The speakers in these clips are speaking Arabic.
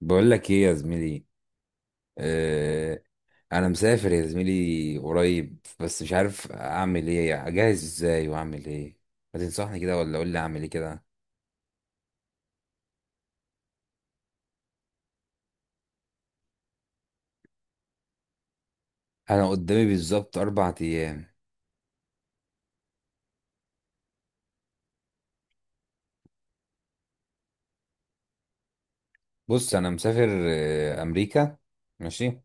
بقول لك ايه يا زميلي؟ آه. انا مسافر يا زميلي قريب، بس مش عارف اعمل ايه، اجهز ازاي واعمل ايه. ما تنصحني كده ولا قول لي اعمل ايه كده. انا قدامي بالظبط 4 ايام. بص انا مسافر امريكا. ماشي.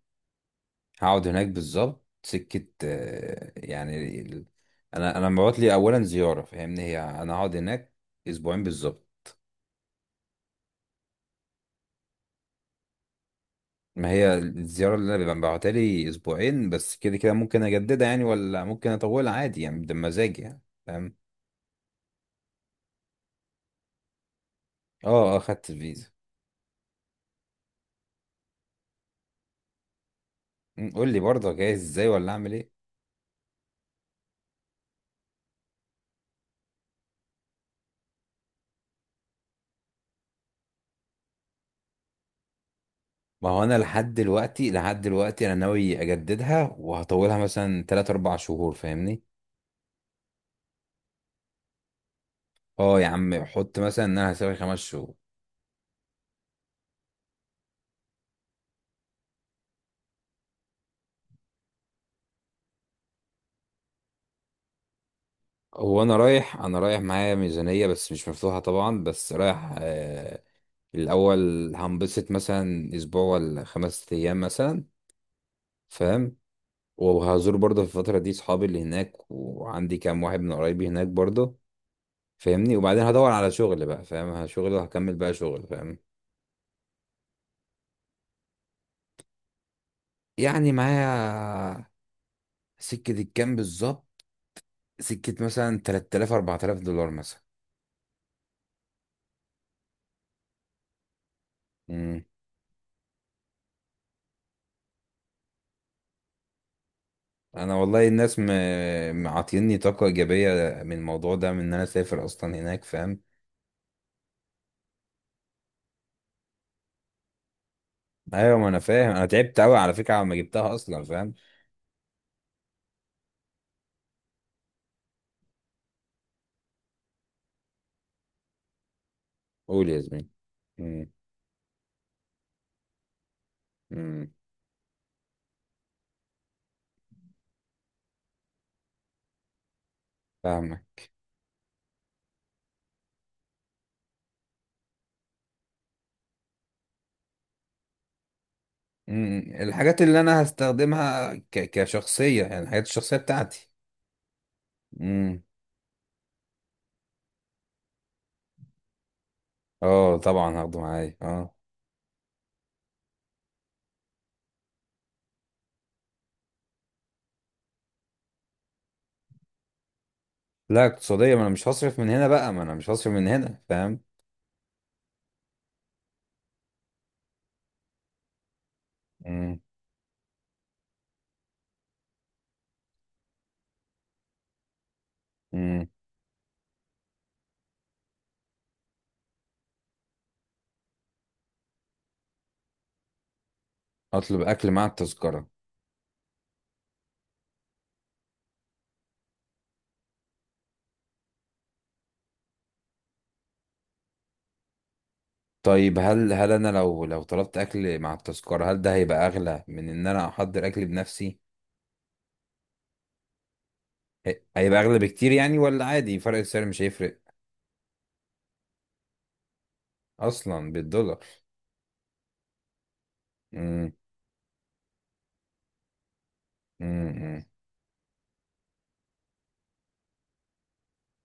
هقعد هناك بالظبط سكة، انا مبعوت لي اولا زيارة، فاهمني؟ هي انا هقعد هناك اسبوعين بالظبط. ما هي الزيارة اللي انا ببعتها لي اسبوعين بس، كده كده ممكن اجددها يعني، ولا ممكن اطولها عادي يعني، ده مزاجي يعني. فاهم. اه، اه، خدت الفيزا. قول لي برضه جايز ازاي، ولا اعمل ايه. ما هو انا لحد دلوقتي، لحد دلوقتي انا ناوي اجددها وهطولها مثلا 3 4 شهور، فاهمني. اه يا عم، حط مثلا ان انا هسافر 5 شهور. هو انا رايح، انا رايح معايا ميزانية بس مش مفتوحة طبعا، بس رايح. الاول هنبسط مثلا اسبوع ولا 5 ايام مثلا، فاهم. وهزور برضه في الفترة دي صحابي اللي هناك، وعندي كام واحد من قرايبي هناك برضه، فاهمني. وبعدين هدور على شغل بقى، فاهم، شغل، وهكمل بقى شغل، فاهم. يعني معايا، سكة الكام بالظبط؟ سكة مثلا 3000 4000 دولار مثلا. مم. انا والله الناس معطيني طاقة ايجابية من الموضوع ده، من ان انا اسافر اصلا هناك، فاهم. ايوه ما انا فاهم، انا تعبت قوي على فكرة على ما جبتها اصلا، فاهم. قول يا زميلي. امم. فاهمك. مم. الحاجات اللي انا هستخدمها كشخصية، يعني الحاجات الشخصية بتاعتي. امم. اه طبعا هاخده معايا، اه. لا، اقتصادية، ما انا مش هصرف من هنا بقى، ما انا مش هصرف من هنا، فاهم. امم. امم. اطلب اكل مع التذكرة. طيب هل، انا لو، طلبت اكل مع التذكرة، هل ده هيبقى اغلى من ان انا احضر اكل بنفسي؟ هيبقى اغلى بكتير يعني، ولا عادي فرق السعر مش هيفرق؟ اصلا بالدولار. امم. امم. أمم.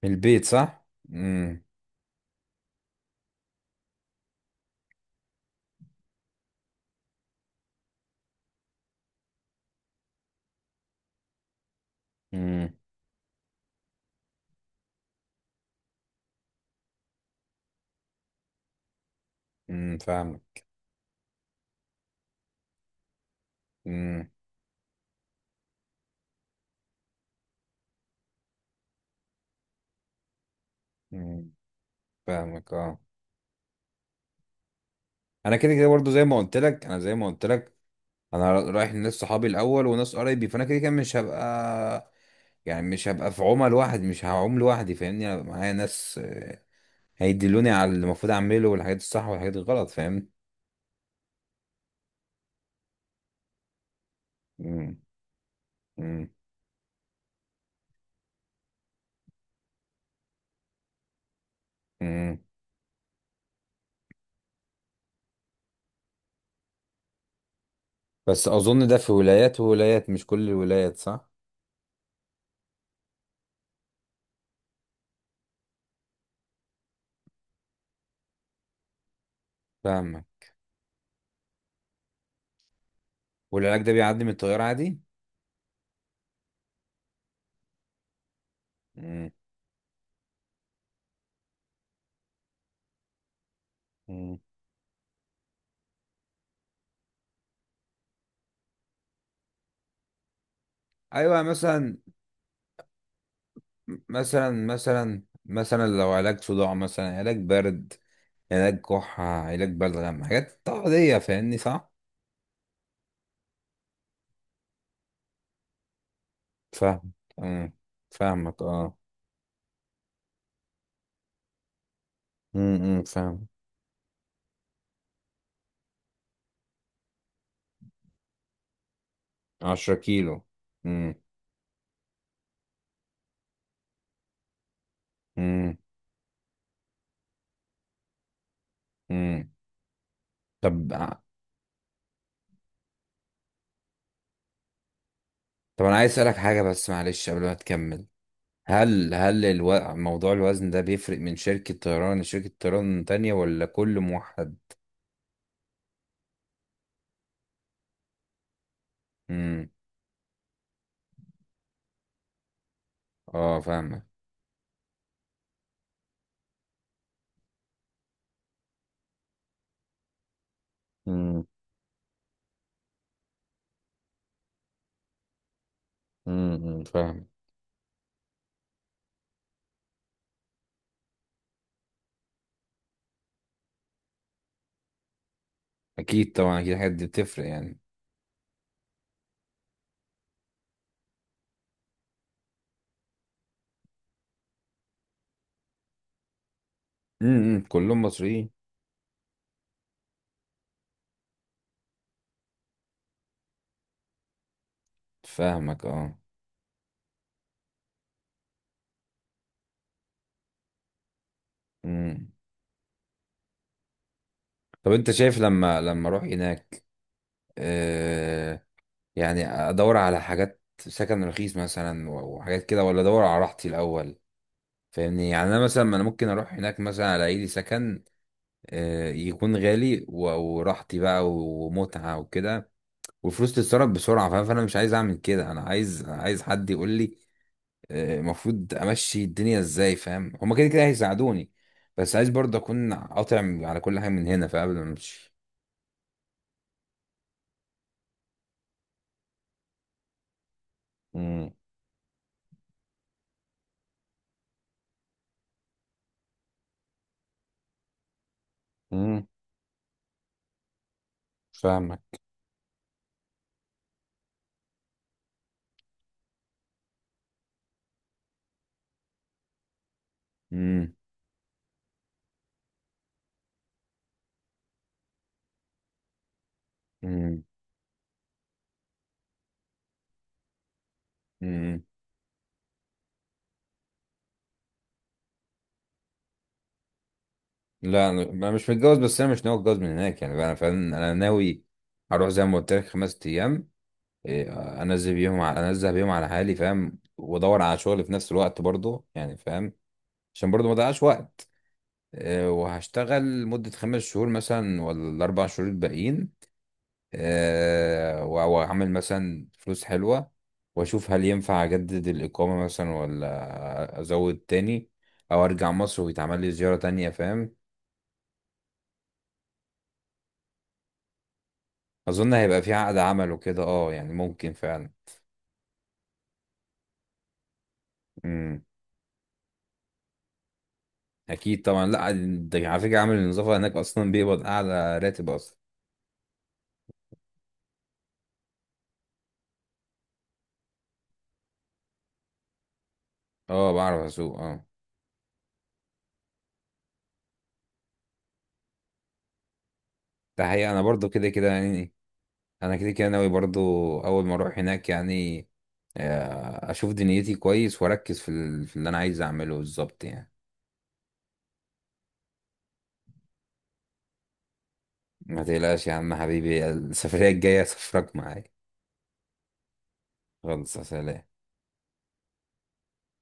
من البيت، صح. امم. امم. أمم، فاهمك. امم. أمم. فاهمك، اه. انا كده كده برضو زي ما قلت لك، انا زي ما قلت لك انا رايح لناس صحابي الاول وناس قرايبي، فانا كده كده مش هبقى يعني، مش هبقى في عمى لوحدي، مش هعوم لوحدي، فاهمني. انا هبقى معايا ناس، هيدلوني على اللي المفروض اعمله والحاجات الصح والحاجات الغلط، فاهمني. امم. امم. أمم. بس اظن ده في ولايات وولايات، مش كل الولايات، صح. فاهمك. والعلاج ده بيعدي من التيار عادي؟ امم. أمم. ايوه مثلا، لو علاج صداع، مثلا علاج برد، علاج كحة، علاج بلغم، حاجات عادية فاهمني، صح؟ فاهم. أمم، فاهمك اه. امم. فاهم. 10 كيلو. امم. امم. امم. طب طب أنا عايز أسألك حاجة بس، معلش قبل ما تكمل، هل، موضوع الوزن ده بيفرق من شركة طيران لشركة طيران تانية، ولا كل موحد؟ امم. اه فاهمك. امم. امم. أمم، فاهم. أكيد طبعا، أكيد الحاجات دي بتفرق يعني. امم. كلهم مصريين. فاهمك اه. امم. طب انت شايف، لما اروح هناك آه يعني، ادور على حاجات سكن رخيص مثلا، وحاجات كده، ولا ادور على راحتي الاول؟ فاهمني، يعني انا مثلا، ما انا ممكن اروح هناك مثلا الاقي لي سكن، يكون غالي، وراحتي بقى ومتعة وكده، والفلوس تتصرف بسرعة، فاهم. فانا مش عايز اعمل كده، انا عايز حد يقول لي، المفروض امشي الدنيا ازاي، فاهم. هما كده كده هيساعدوني، بس عايز برضه اكون قاطع على كل حاجه من هنا، فقبل ما امشي. امم. امم. فاهمك. امم. امم. امم. لا انا، مش متجوز، بس انا مش ناوي اتجوز من هناك يعني بقى، انا فعلا انا ناوي هروح زي ما قلت لك 5 ايام. إيه، انزل بيهم على حالي، فاهم، وادور على شغل في نفس الوقت برضه، يعني فاهم، عشان برضه ما اضيعش وقت. إيه، وهشتغل مدة 5 شهور مثلا، ولا ال4 شهور الباقيين. واعمل مثلا فلوس حلوة، واشوف هل ينفع اجدد الاقامة مثلا، ولا ازود تاني، او ارجع مصر ويتعمل لي زيارة تانية، فاهم. اظن هيبقى في عقد عمل وكده، اه يعني ممكن فعلا. امم. اكيد طبعا. لا ده على فكرة عامل النظافة هناك اصلا بيقبض اعلى راتب اصلا. اه بعرف اسوق، اه. ده حقيقة انا برضو كده كده يعني، انا كده كده ناوي برضو. اول ما اروح هناك يعني، اشوف دنيتي كويس، واركز في في اللي انا عايز اعمله بالظبط يعني. ما تقلقش يا عم حبيبي، السفرية الجاية سفرك معايا. خلص يا سلام.